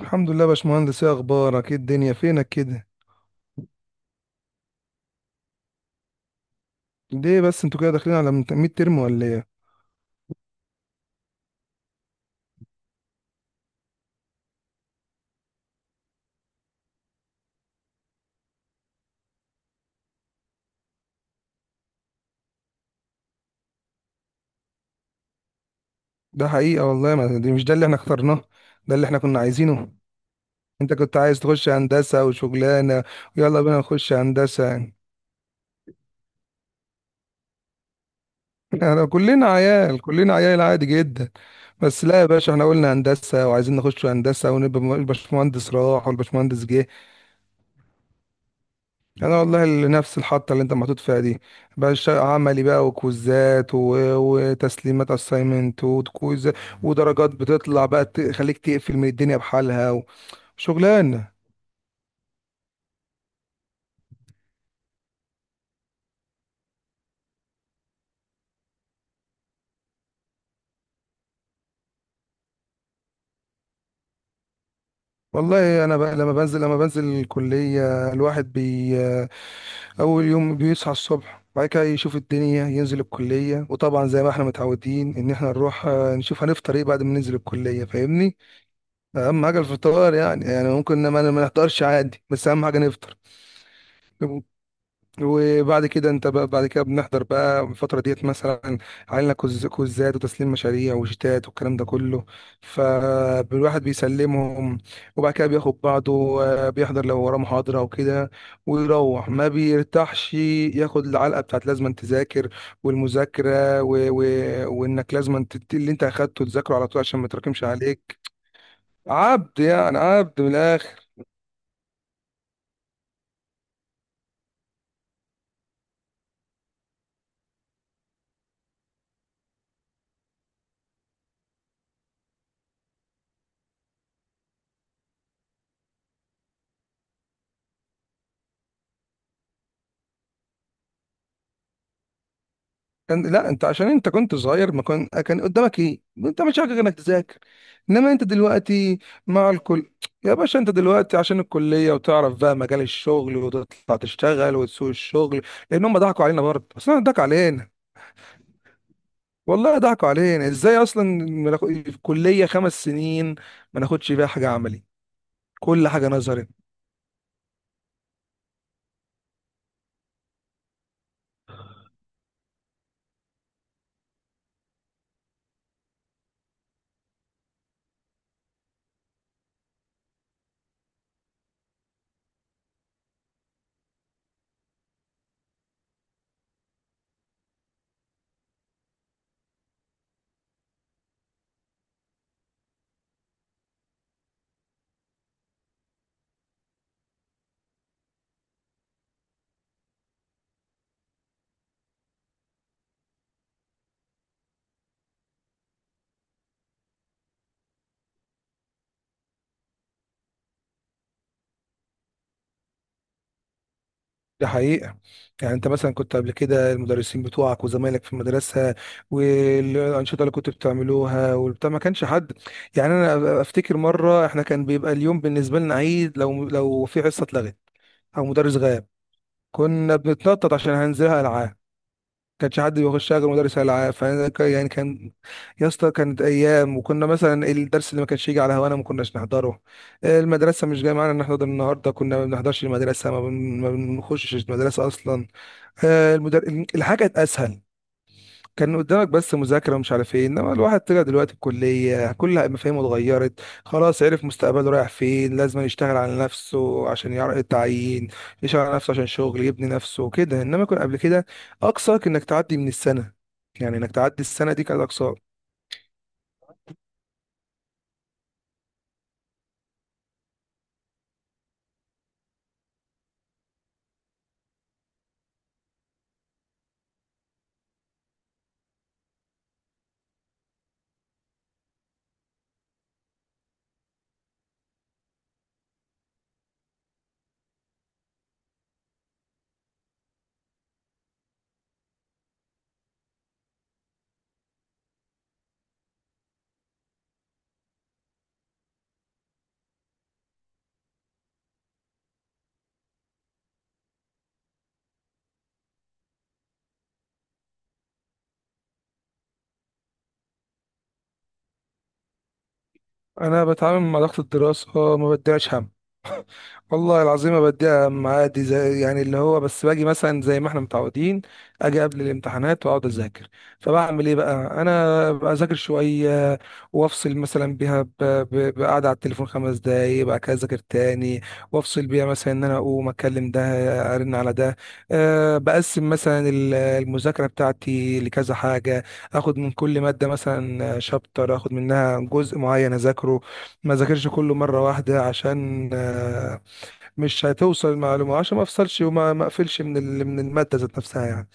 الحمد لله يا باشمهندس، ايه اخبارك؟ ايه الدنيا فينك كده؟ ليه بس انتوا كده داخلين على ميد ترم ولا ايه؟ ده حقيقة والله. ما دي مش ده اللي احنا اخترناه، ده اللي احنا كنا عايزينه. انت كنت عايز تخش هندسة وشغلانة، ويلا بينا نخش هندسة يعني. احنا كلنا عيال، كلنا عيال، عادي جدا. بس لا يا باشا، احنا قلنا هندسة وعايزين نخش هندسة ونبقى الباشمهندس راح والباشمهندس جه. انا والله نفس الحطه اللي انت محطوط فيها دي. بقى عملي بقى وكوزات وتسليمات اساينمنت وكويز، ودرجات بتطلع بقى تخليك تقفل من الدنيا بحالها، وشغلانه. والله انا بقى لما بنزل الكليه، الواحد اول يوم بيصحى الصبح، بعد كده يشوف الدنيا، ينزل الكليه. وطبعا زي ما احنا متعودين ان احنا نروح نشوف هنفطر ايه بعد ما ننزل الكليه، فاهمني. اهم حاجه الفطار، يعني ممكن ما نفطرش عادي، بس اهم حاجه نفطر. وبعد كده انت بقى، بعد كده بنحضر بقى الفترة ديت، مثلا علينا كوزات وتسليم مشاريع وشتات والكلام ده كله، فالواحد بيسلمهم. وبعد كده بياخد بعضه، بيحضر لو وراه محاضرة وكده. ويروح ما بيرتاحش، ياخد العلقة بتاعت لازم تذاكر والمذاكرة وانك لازم اللي انت اخدته تذاكره على طول عشان ما يتراكمش عليك. عبد يعني، عبد من الآخر. كان، لا انت عشان انت كنت صغير، ما كان قدامك ايه؟ انت مش حاجه غير انك تذاكر. انما انت دلوقتي مع الكل يا باشا. انت دلوقتي عشان الكليه، وتعرف بقى مجال الشغل، وتطلع تشتغل وتسوق الشغل. لان هم ضحكوا علينا برضه، اصلا ضحكوا علينا. والله ضحكوا علينا ازاي؟ اصلا ما ناخد- في الكليه 5 سنين ما ناخدش فيها حاجه عملي، كل حاجه نظري. دي حقيقة. يعني انت مثلا كنت قبل كده، المدرسين بتوعك وزمايلك في المدرسة والأنشطة اللي كنت بتعملوها والبتاع، ما كانش حد. يعني انا افتكر مرة، احنا كان بيبقى اليوم بالنسبة لنا عيد لو في حصة اتلغت او مدرس غاب، كنا بنتنطط عشان هننزلها العاب. ما كانش حد بيخشها غير مدرس العاب، فانا يعني كان، يا اسطى كانت ايام. وكنا مثلا الدرس اللي ما كانش يجي على هوانا ما كناش نحضره. المدرسه مش جايه معانا نحضر النهارده، كنا ما بنحضرش المدرسه، ما بنخشش المدرسه اصلا. آه، المدر... الحاجة كانت اسهل. كان قدامك بس مذاكرة ومش عارف ايه، انما الواحد طلع دلوقتي الكلية كل مفاهيمه اتغيرت. خلاص عرف مستقبله رايح فين، لازم يشتغل على نفسه عشان يعرف التعيين، يشتغل على نفسه عشان شغل، يبني نفسه كده. انما كان قبل كده اقصاك انك تعدي من السنة، يعني انك تعدي السنة دي كانت اقصاك. انا بتعامل مع ضغط الدراسة ما بديهاش هم. والله العظيم ما بديها أهم، عادي زي يعني اللي هو بس، باجي مثلا زي ما احنا متعودين، اجي قبل الامتحانات واقعد اذاكر. فبعمل ايه بقى؟ انا بذاكر شويه وافصل مثلا بيها، بقعده على التليفون 5 دقايق، بعد كده اذاكر تاني. وافصل بيها مثلا ان انا اقوم اكلم ده، ارن على ده. بقسم مثلا المذاكره بتاعتي لكذا حاجه، اخد من كل ماده مثلا شابتر، اخد منها جزء معين اذاكره. ما ذاكرش كله مره واحده، عشان مش هتوصل المعلومة، عشان ما افصلش وما ما اقفلش من من المادة ذات نفسها يعني.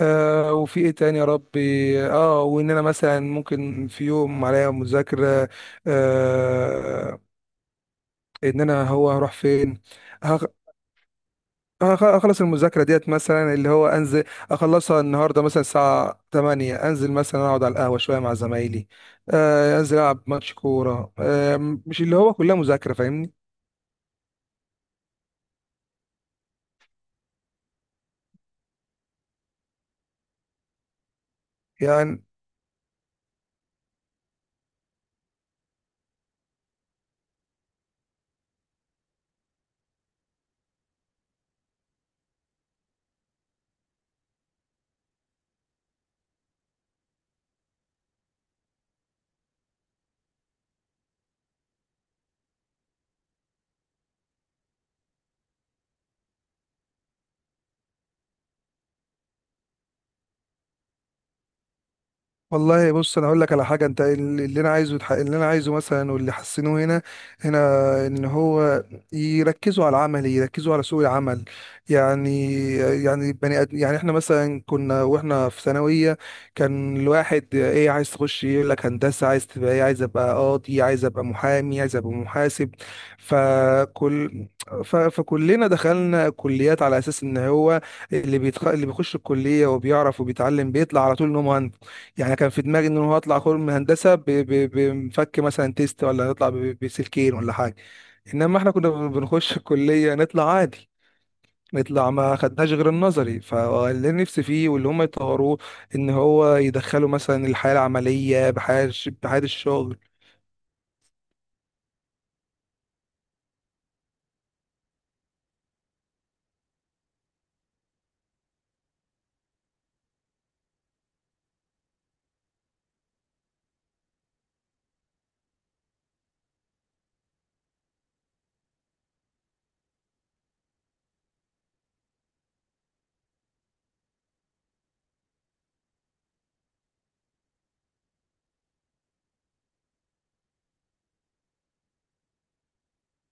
وفي ايه تاني يا ربي؟ اه وان انا مثلا ممكن في يوم عليا مذاكرة. آه ان انا، هو هروح فين؟ هخ- هخلص المذاكرة ديت مثلا اللي هو انزل، اخلصها النهاردة مثلا الساعة 8، انزل مثلا اقعد على القهوة شوية مع زمايلي. انزل العب ماتش كورة. مش اللي هو كلها مذاكرة، فاهمني يعني. والله بص، انا اقول لك على حاجه، انت اللي انا عايزه اللي انا عايزه مثلا، واللي حسنوه هنا ان هو يركزوا على العمل، يركزوا على سوق العمل. يعني يعني يعني احنا مثلا كنا واحنا في ثانويه، كان الواحد ايه؟ عايز تخش إيه؟ يقول لك هندسه. عايز تبقى ايه؟ عايز ابقى قاضي، عايز ابقى محامي، عايز ابقى محاسب. فكل فكلنا دخلنا كليات على اساس ان هو اللي بيخش الكليه وبيعرف وبيتعلم بيطلع على طول ان هو مهندس. يعني كان في دماغي ان هو هطلع خرم هندسه بمفك مثلا تيست، ولا هطلع بسلكين ولا حاجه. انما احنا كنا بنخش الكليه نطلع عادي، نطلع ما خدناش غير النظري. فاللي نفسي فيه واللي هم يطوروه ان هو يدخلوا مثلا الحياه العمليه، بحياه الشغل.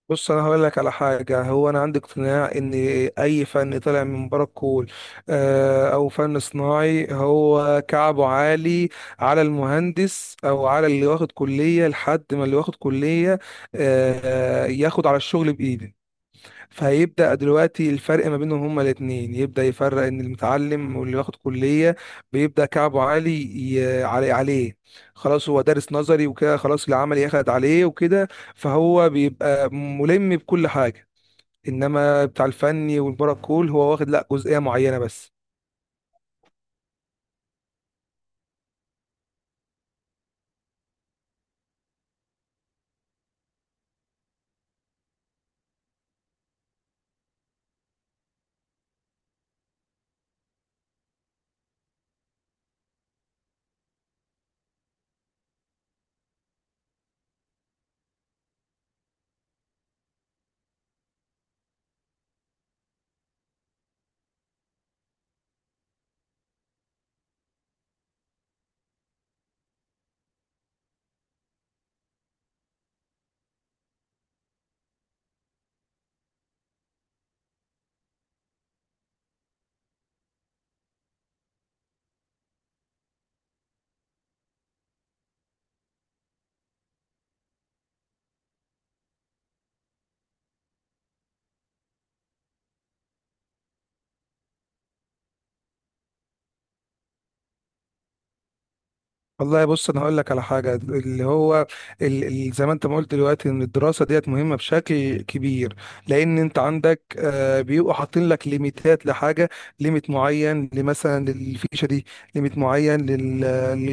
بص انا هقول لك على حاجه، هو انا عندي اقتناع ان اي فن طالع من بره الكول، او فن صناعي، هو كعبه عالي على المهندس او على اللي واخد كليه. لحد ما اللي واخد كليه ياخد على الشغل بايده، فهيبدأ دلوقتي الفرق ما بينهم هما الاتنين يبدأ يفرق. ان المتعلم واللي واخد كلية بيبدأ كعبه عالي عليه. خلاص هو دارس نظري وكده، خلاص العمل أخد عليه وكده، فهو بيبقى ملم بكل حاجة. انما بتاع الفني والبرا كول هو واخد لا جزئية معينة بس. والله بص، انا هقول لك على حاجه، اللي هو زي ما انت ما قلت دلوقتي ان الدراسه ديت مهمه بشكل كبير. لان انت عندك، بيبقوا حاطين لك ليميتات لحاجه، ليميت معين لمثلا للفيشه دي، ليميت معين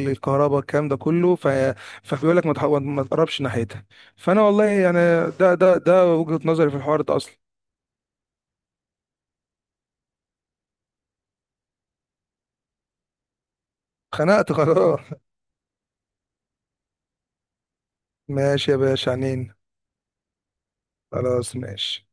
للكهرباء، الكلام ده كله. فبيقول لك ما تقربش ناحيتها. فانا والله يعني، ده وجهه نظري في الحوار ده اصلا. خنقت خلاص. ماشي يا باشا عنين. خلاص ماشي.